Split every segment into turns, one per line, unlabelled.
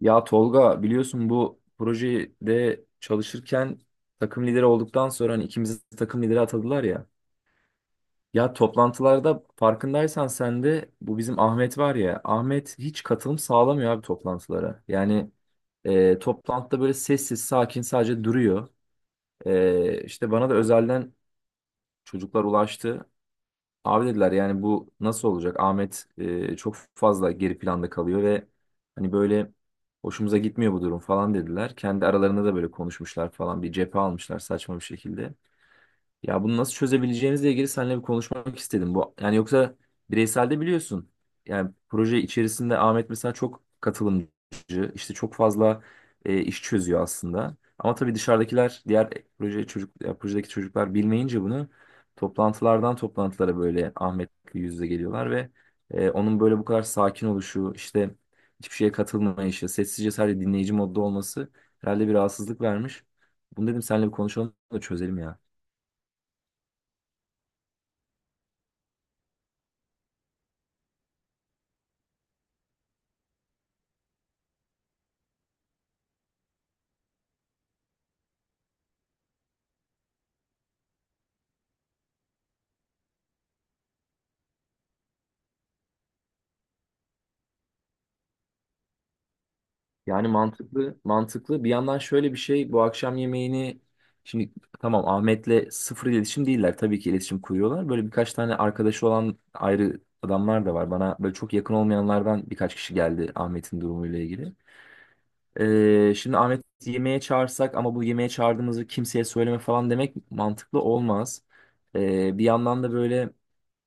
Ya Tolga biliyorsun bu projede çalışırken takım lideri olduktan sonra hani ikimizi takım lideri atadılar ya. Ya toplantılarda farkındaysan sen de bu bizim Ahmet var ya. Ahmet hiç katılım sağlamıyor abi toplantılara. Toplantıda böyle sessiz sakin sadece duruyor. E, işte bana da özelden çocuklar ulaştı. Abi dediler yani bu nasıl olacak? Ahmet çok fazla geri planda kalıyor ve hani böyle hoşumuza gitmiyor bu durum falan dediler. Kendi aralarında da böyle konuşmuşlar falan bir cephe almışlar saçma bir şekilde. Ya bunu nasıl çözebileceğimizle ilgili seninle bir konuşmak istedim. Bu yani yoksa bireyselde biliyorsun. Yani proje içerisinde Ahmet mesela çok katılımcı, işte çok fazla iş çözüyor aslında. Ama tabii dışarıdakiler, diğer projedeki çocuklar bilmeyince bunu toplantılardan toplantılara böyle Ahmet'le yüz yüze geliyorlar ve onun böyle bu kadar sakin oluşu, işte hiçbir şeye katılmayışı, sessizce sadece dinleyici modda olması herhalde bir rahatsızlık vermiş. Bunu dedim seninle bir konuşalım da çözelim ya. Yani mantıklı, mantıklı. Bir yandan şöyle bir şey, bu akşam yemeğini şimdi tamam Ahmet'le sıfır iletişim değiller. Tabii ki iletişim kuruyorlar. Böyle birkaç tane arkadaşı olan ayrı adamlar da var. Bana böyle çok yakın olmayanlardan birkaç kişi geldi Ahmet'in durumuyla ilgili. Şimdi Ahmet yemeğe çağırsak ama bu yemeğe çağırdığımızı kimseye söyleme falan demek mantıklı olmaz. Bir yandan da böyle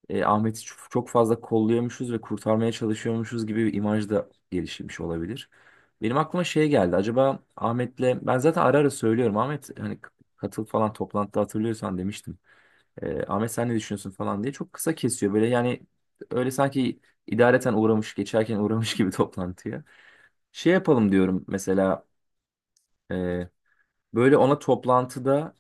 Ahmet'i çok çok fazla kolluyormuşuz ve kurtarmaya çalışıyormuşuz gibi bir imaj da gelişmiş olabilir. Benim aklıma şey geldi. Acaba Ahmet'le ben zaten ara ara söylüyorum. Ahmet hani katıl falan toplantıda hatırlıyorsan demiştim. Ahmet sen ne düşünüyorsun falan diye çok kısa kesiyor. Böyle yani öyle sanki idareten uğramış geçerken uğramış gibi toplantıya. Şey yapalım diyorum mesela e, böyle ona toplantıda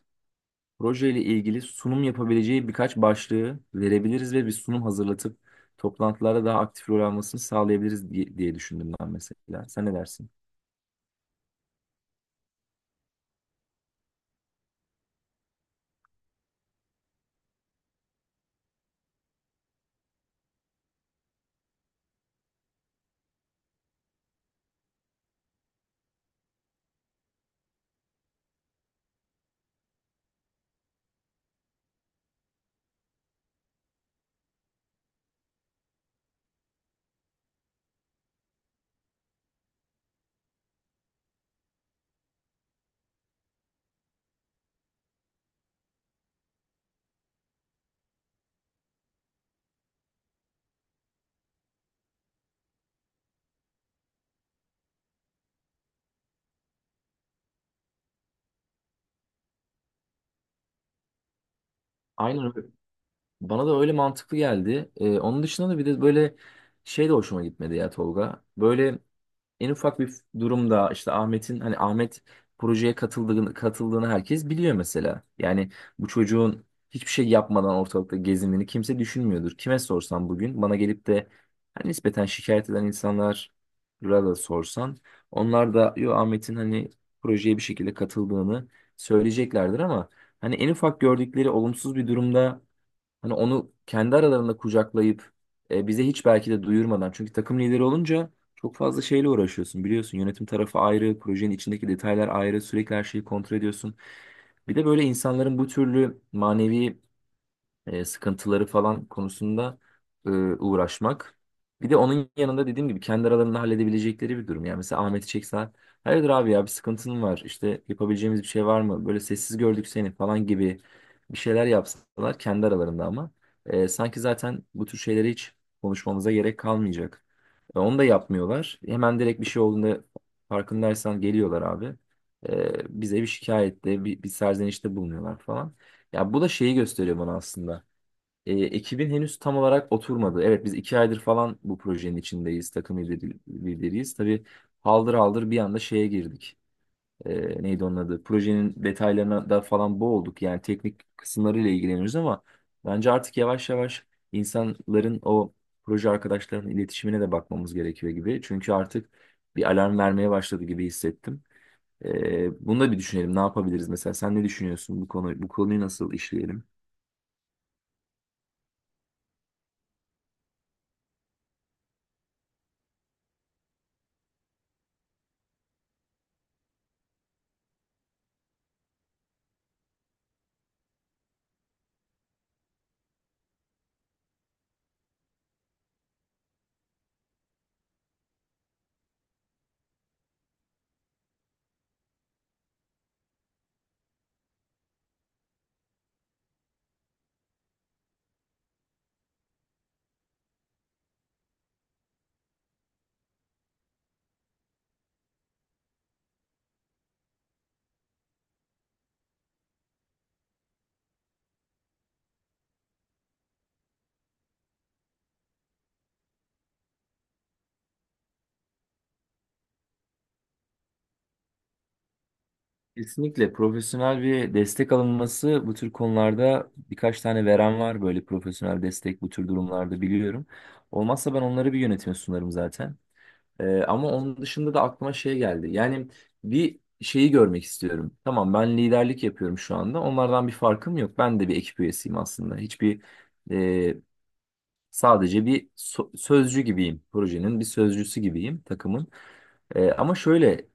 proje ile ilgili sunum yapabileceği birkaç başlığı verebiliriz ve bir sunum hazırlatıp toplantılarda daha aktif rol almasını sağlayabiliriz diye düşündüm ben mesela. Sen ne dersin? Aynen öyle. Bana da öyle mantıklı geldi. Onun dışında da bir de böyle şey de hoşuma gitmedi ya Tolga. Böyle en ufak bir durumda işte Ahmet'in hani Ahmet projeye katıldığını herkes biliyor mesela. Yani bu çocuğun hiçbir şey yapmadan ortalıkta gezindiğini kimse düşünmüyordur. Kime sorsam bugün bana gelip de hani nispeten şikayet eden insanlar da sorsan onlar da yo Ahmet'in hani projeye bir şekilde katıldığını söyleyeceklerdir ama hani en ufak gördükleri olumsuz bir durumda hani onu kendi aralarında kucaklayıp bize hiç belki de duyurmadan. Çünkü takım lideri olunca çok fazla şeyle uğraşıyorsun biliyorsun. Yönetim tarafı ayrı, projenin içindeki detaylar ayrı, sürekli her şeyi kontrol ediyorsun. Bir de böyle insanların bu türlü manevi sıkıntıları falan konusunda uğraşmak. Bir de onun yanında dediğim gibi kendi aralarında halledebilecekleri bir durum. Yani mesela Ahmet'i çeksen, hayırdır abi ya bir sıkıntın var işte yapabileceğimiz bir şey var mı? Böyle sessiz gördük seni falan gibi bir şeyler yapsalar kendi aralarında ama sanki zaten bu tür şeyleri hiç konuşmamıza gerek kalmayacak. Onu da yapmıyorlar. Hemen direkt bir şey olduğunda farkındaysan geliyorlar abi. Bize bir şikayette, bir serzenişte bulunuyorlar falan. Ya bu da şeyi gösteriyor bana aslında. Ekibin henüz tam olarak oturmadı. Evet biz iki aydır falan bu projenin içindeyiz. Lideriyiz. Tabii haldır haldır bir anda şeye girdik. Neydi onun adı? Projenin detaylarına da falan boğulduk. Yani teknik kısımlarıyla ilgileniyoruz ama bence artık yavaş yavaş insanların o proje arkadaşlarının iletişimine de bakmamız gerekiyor gibi. Çünkü artık bir alarm vermeye başladı gibi hissettim. Bunu da bir düşünelim. Ne yapabiliriz mesela? Sen ne düşünüyorsun bu konuyu nasıl işleyelim? Kesinlikle profesyonel bir destek alınması bu tür konularda birkaç tane veren var böyle profesyonel destek bu tür durumlarda biliyorum. Olmazsa ben onları bir yönetime sunarım zaten. Ama onun dışında da aklıma şey geldi. Yani bir şeyi görmek istiyorum. Tamam ben liderlik yapıyorum şu anda. Onlardan bir farkım yok. Ben de bir ekip üyesiyim aslında. E, Sadece bir sözcü gibiyim. Projenin bir sözcüsü gibiyim takımın. Ama şöyle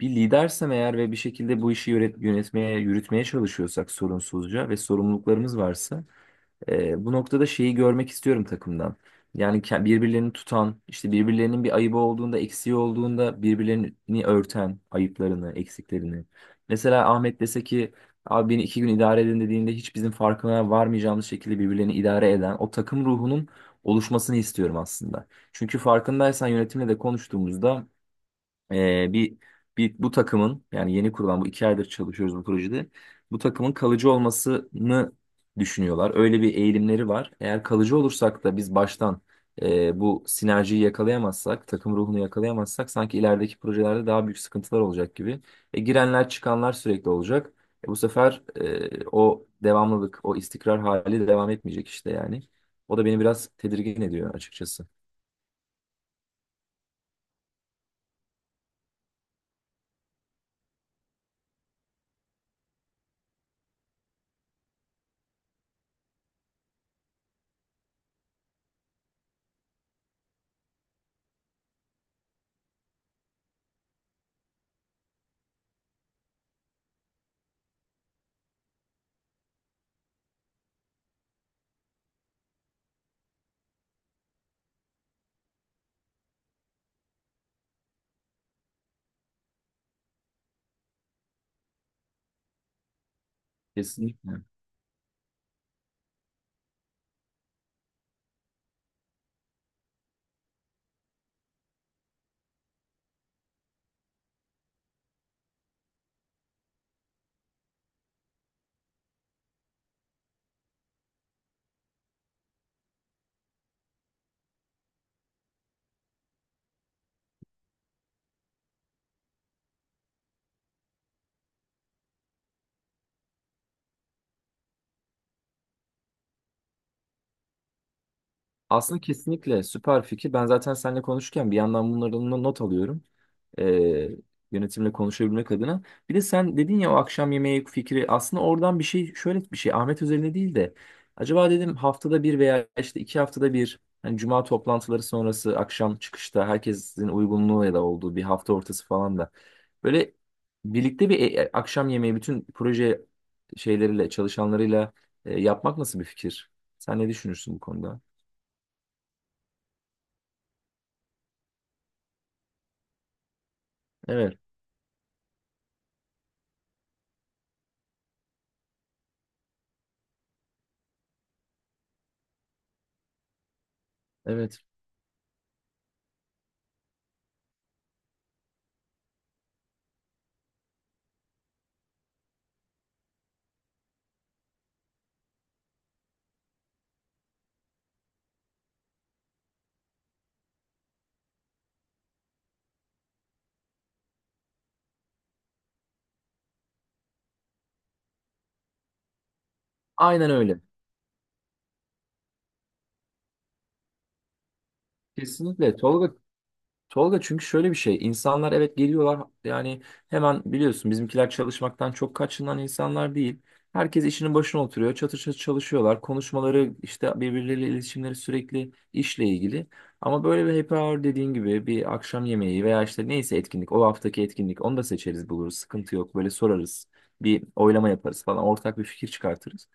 bir lidersem eğer ve bir şekilde bu işi yönetmeye, yürütmeye çalışıyorsak sorunsuzca ve sorumluluklarımız varsa bu noktada şeyi görmek istiyorum takımdan. Yani birbirlerini tutan, işte birbirlerinin bir ayıbı olduğunda, eksiği olduğunda birbirlerini örten ayıplarını, eksiklerini. Mesela Ahmet dese ki abi beni iki gün idare edin dediğinde hiç bizim farkına varmayacağımız şekilde birbirlerini idare eden o takım ruhunun oluşmasını istiyorum aslında. Çünkü farkındaysan yönetimle de konuştuğumuzda ee, bir, bir bu takımın yani yeni kurulan bu iki aydır çalışıyoruz bu projede. Bu takımın kalıcı olmasını düşünüyorlar. Öyle bir eğilimleri var. Eğer kalıcı olursak da biz baştan bu sinerjiyi yakalayamazsak, takım ruhunu yakalayamazsak sanki ilerideki projelerde daha büyük sıkıntılar olacak gibi. Girenler çıkanlar sürekli olacak. Bu sefer o devamlılık, o istikrar hali devam etmeyecek işte yani. O da beni biraz tedirgin ediyor açıkçası. Kesinlikle. Aslında kesinlikle süper fikir. Ben zaten seninle konuşurken bir yandan bunların da not alıyorum. Ee, Yönetimle konuşabilmek adına. Bir de sen dedin ya o akşam yemeği fikri aslında oradan bir şey şöyle bir şey Ahmet üzerine değil de acaba dedim haftada bir veya işte iki haftada bir hani cuma toplantıları sonrası akşam çıkışta herkesin uygunluğu ya da olduğu bir hafta ortası falan da böyle birlikte bir akşam yemeği bütün proje şeyleriyle çalışanlarıyla yapmak nasıl bir fikir? Sen ne düşünürsün bu konuda? Evet. Aynen öyle. Kesinlikle Tolga çünkü şöyle bir şey. İnsanlar evet geliyorlar yani hemen biliyorsun bizimkiler çalışmaktan çok kaçınan insanlar değil. Herkes işinin başına oturuyor. Çatır çatır çalışıyorlar. Konuşmaları işte birbirleriyle iletişimleri sürekli işle ilgili. Ama böyle bir happy hour dediğin gibi bir akşam yemeği veya işte neyse etkinlik o haftaki etkinlik onu da seçeriz buluruz. Sıkıntı yok. Böyle sorarız. Bir oylama yaparız falan. Ortak bir fikir çıkartırız.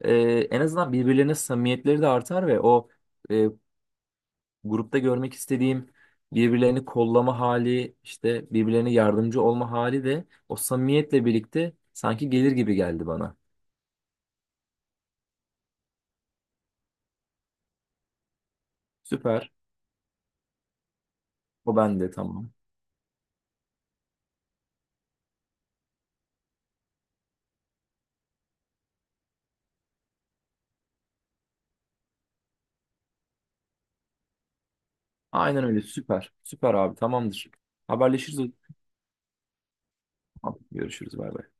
Ee, En azından birbirlerine samimiyetleri de artar ve o e, grupta görmek istediğim birbirlerini kollama hali, işte birbirlerine yardımcı olma hali de o samimiyetle birlikte sanki gelir gibi geldi bana. Süper. O bende tamam. Aynen öyle süper. Süper abi tamamdır. Haberleşiriz o zaman. Tamam, görüşürüz, bay bay.